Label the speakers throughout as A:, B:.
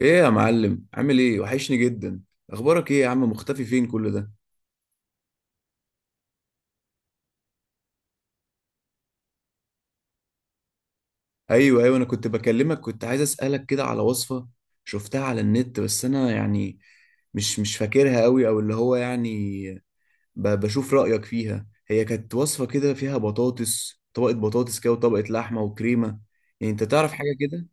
A: ايه يا معلم، عامل ايه؟ وحشني جدا. اخبارك ايه يا عم؟ مختفي فين كل ده؟ ايوه ايوه، انا كنت بكلمك، كنت عايز اسالك كده على وصفه. شفتها على النت بس انا يعني مش فاكرها قوي، او اللي هو يعني بشوف رايك فيها. هي كانت وصفه كده فيها بطاطس، طبقه بطاطس كده وطبقه لحمه وكريمه. يعني انت تعرف حاجه كده؟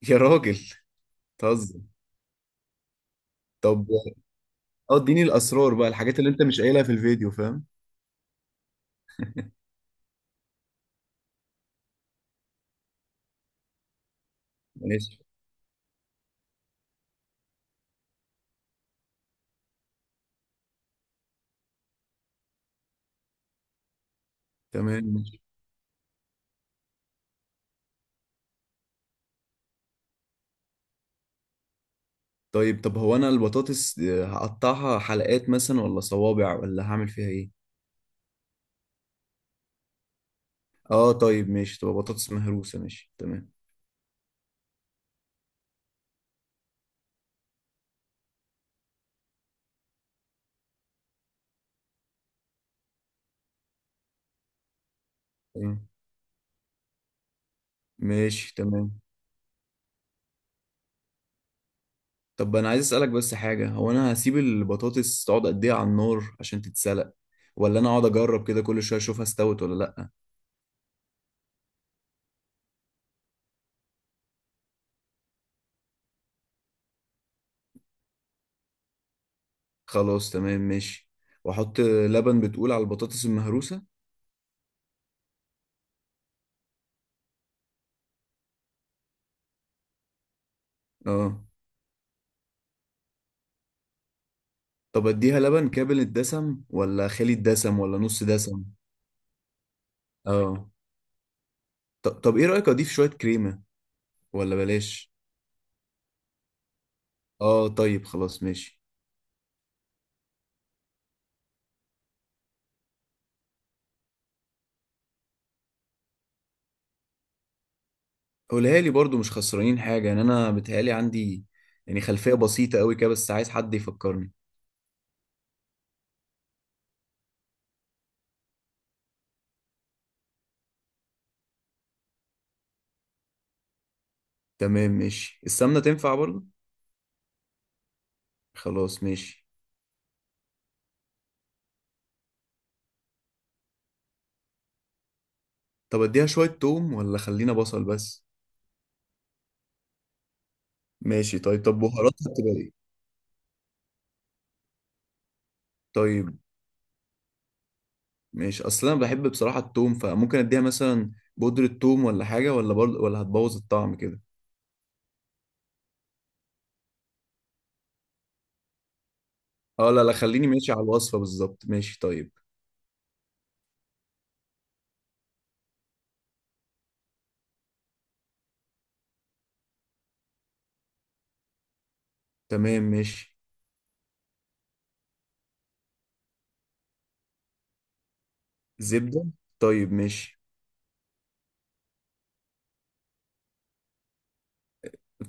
A: يا راجل، تهزر. طب اه، اديني الاسرار بقى، الحاجات اللي انت مش قايلها في الفيديو، فاهم؟ ماشي تمام. طيب طب هو انا البطاطس هقطعها حلقات مثلا ولا صوابع ولا هعمل فيها ايه؟ اه طيب ماشي، تبقى بطاطس مهروسة، ماشي تمام. تمام ماشي تمام. طب انا عايز اسالك بس حاجة، هو انا هسيب البطاطس تقعد قد ايه على النار عشان تتسلق؟ ولا انا اقعد اجرب كده كل شوية اشوفها استوت ولا لا؟ خلاص تمام ماشي. واحط لبن بتقول على البطاطس المهروسة. اه طب اديها لبن كامل الدسم ولا خالي الدسم ولا نص دسم؟ اه. طب ايه رأيك اضيف شوية كريمة ولا بلاش؟ اه طيب خلاص ماشي. قولها لي برضو، مش خسرانين حاجة. يعني انا بتهيألي عندي يعني خلفية بسيطة قوي كده، بس عايز حد يفكرني. تمام ماشي. السمنة تنفع برضو؟ خلاص ماشي. طب اديها شوية توم ولا خلينا بصل بس؟ ماشي طيب. طب بهاراتها تبقى ايه؟ طيب ماشي. اصل انا بحب بصراحة التوم، فممكن اديها مثلا بودرة توم ولا حاجة، ولا برضو ولا هتبوظ الطعم كده؟ اه لا لا، خليني ماشي على الوصفة بالظبط. ماشي طيب. تمام ماشي. زبدة؟ طيب ماشي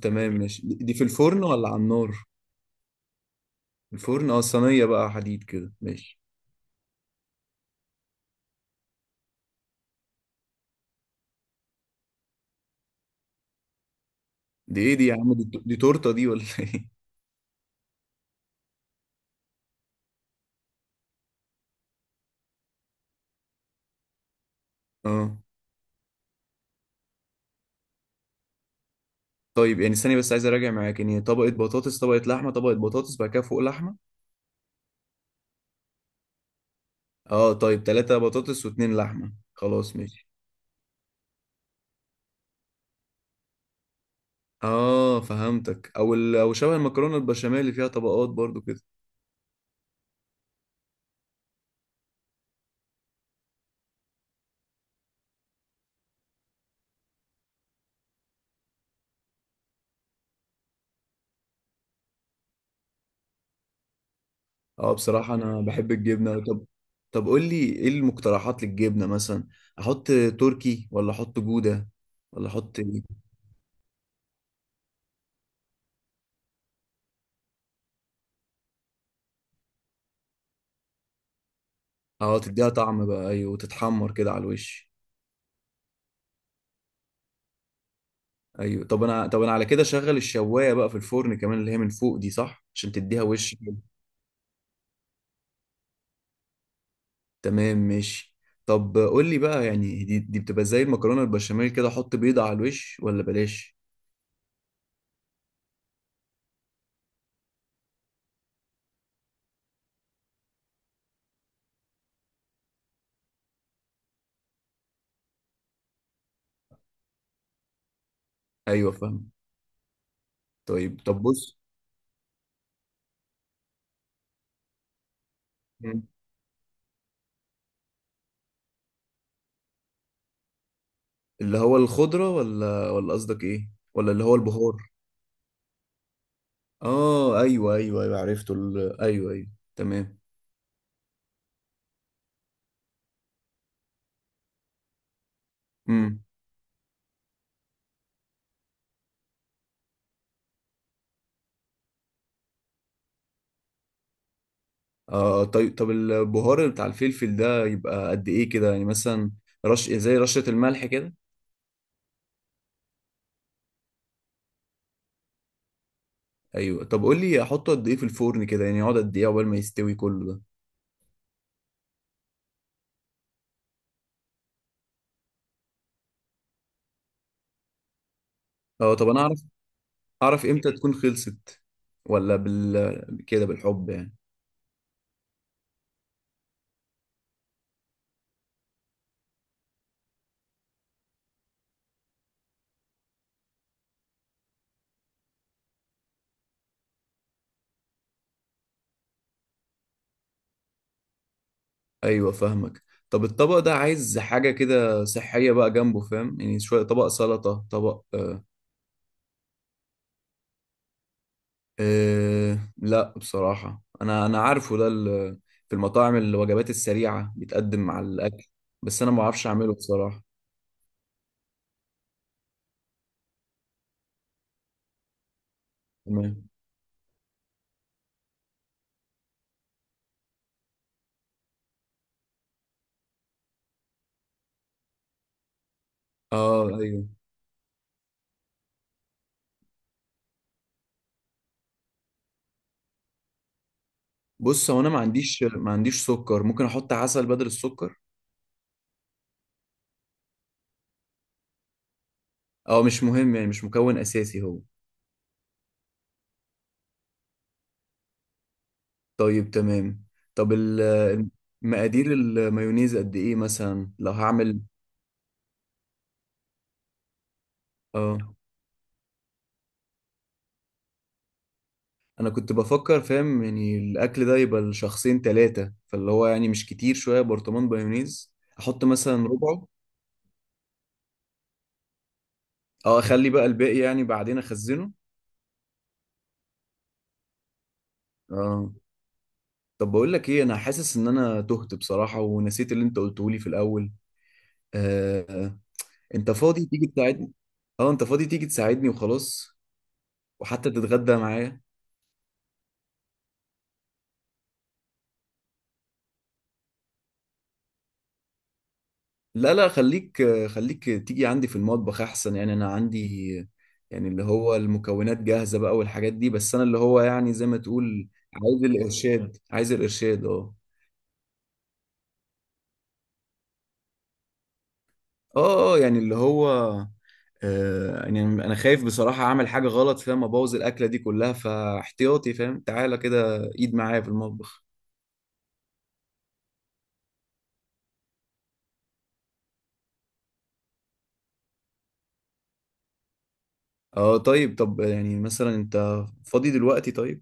A: تمام. ماشي، دي في الفرن ولا على النار؟ الفرن اه، صينية بقى حديد كده، ماشي. دي ايه دي يا عم؟ دي تورتة دي ولا ايه؟ اه طيب. يعني ثانية بس عايز اراجع معاك يعني، طبقة بطاطس، طبقة لحمة، طبقة بطاطس، بعد كده فوق لحمة. اه طيب، تلاتة بطاطس واتنين لحمة، خلاص ماشي. اه فهمتك. او شبه المكرونة البشاميل اللي فيها طبقات برضو كده. اه بصراحة انا بحب الجبنة. طب طب قول لي ايه المقترحات للجبنة مثلا؟ احط تركي ولا احط جودة ولا احط إيه؟ اه تديها طعم بقى، ايوه، وتتحمر كده على الوش. ايوه. طب انا على كده شغل الشوايه بقى في الفرن كمان، اللي هي من فوق دي صح، عشان تديها وش كده. تمام ماشي. طب قول لي بقى، يعني دي بتبقى زي المكرونه البشاميل كده، احط بيضه على الوش ولا بلاش؟ ايوه فاهم. طيب طب بص. مم. اللي هو الخضره ولا ولا قصدك ايه، ولا اللي هو البهار؟ اه ايوه ايوه ايوه، عرفته ايوه ايوه، تمام. آه طيب. طب البهار بتاع الفلفل ده يبقى قد ايه كده يعني مثلا؟ رش زي رشة الملح كده؟ ايوه. طب قول لي احطه قد ايه في الفرن كده، يعني يقعد قد ايه عقبال ما يستوي كله ده؟ اه طب انا اعرف اعرف امتى تكون خلصت؟ ولا بال كده بالحب يعني؟ ايوه فاهمك. طب الطبق ده عايز حاجة كده صحية بقى جنبه، فاهم، يعني شوية طبق سلطة، طبق أه لا بصراحة، أنا عارفه ده في المطاعم الوجبات السريعة بيتقدم مع الأكل. بس أنا ما بعرفش أعمله بصراحة. تمام. أه أيوه. بص هو أنا ما عنديش سكر، ممكن أحط عسل بدل السكر؟ أه مش مهم، يعني مش مكون أساسي هو. طيب تمام. طب مقادير المايونيز قد إيه مثلا لو هعمل؟ أه. انا كنت بفكر، فاهم، يعني الاكل ده يبقى لشخصين ثلاثه، فاللي هو يعني مش كتير شويه برطمان بيونيز. احط مثلا ربعه؟ اه، اخلي بقى الباقي يعني بعدين اخزنه. اه. طب بقول لك ايه، انا حاسس ان انا تهت بصراحه ونسيت اللي انت قلته لي في الاول. آه انت فاضي تيجي تساعدني؟ اه انت فاضي تيجي تساعدني وخلاص، وحتى تتغدى معايا. لا لا خليك، خليك تيجي عندي في المطبخ احسن، يعني انا عندي يعني اللي هو المكونات جاهزة بقى والحاجات دي، بس انا اللي هو يعني زي ما تقول. عايز الارشاد، عايز الارشاد اه. اه اه، يعني اللي هو آه، يعني انا خايف بصراحة اعمل حاجة غلط، فاهم، ابوظ الاكلة دي كلها، فاحتياطي فاهم، تعالى كده ايد معايا في المطبخ. اه طيب. طب يعني مثلا انت فاضي دلوقتي؟ طيب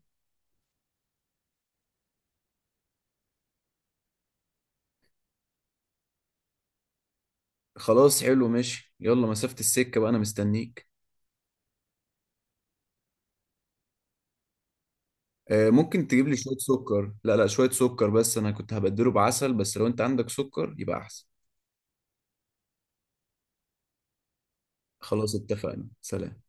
A: خلاص حلو ماشي. يلا، مسافة السكة بقى، انا مستنيك. ممكن تجيب لي شوية سكر. لا لا، شوية سكر بس، أنا كنت هبدله بعسل، بس لو أنت عندك سكر يبقى أحسن. خلاص اتفقنا، سلام.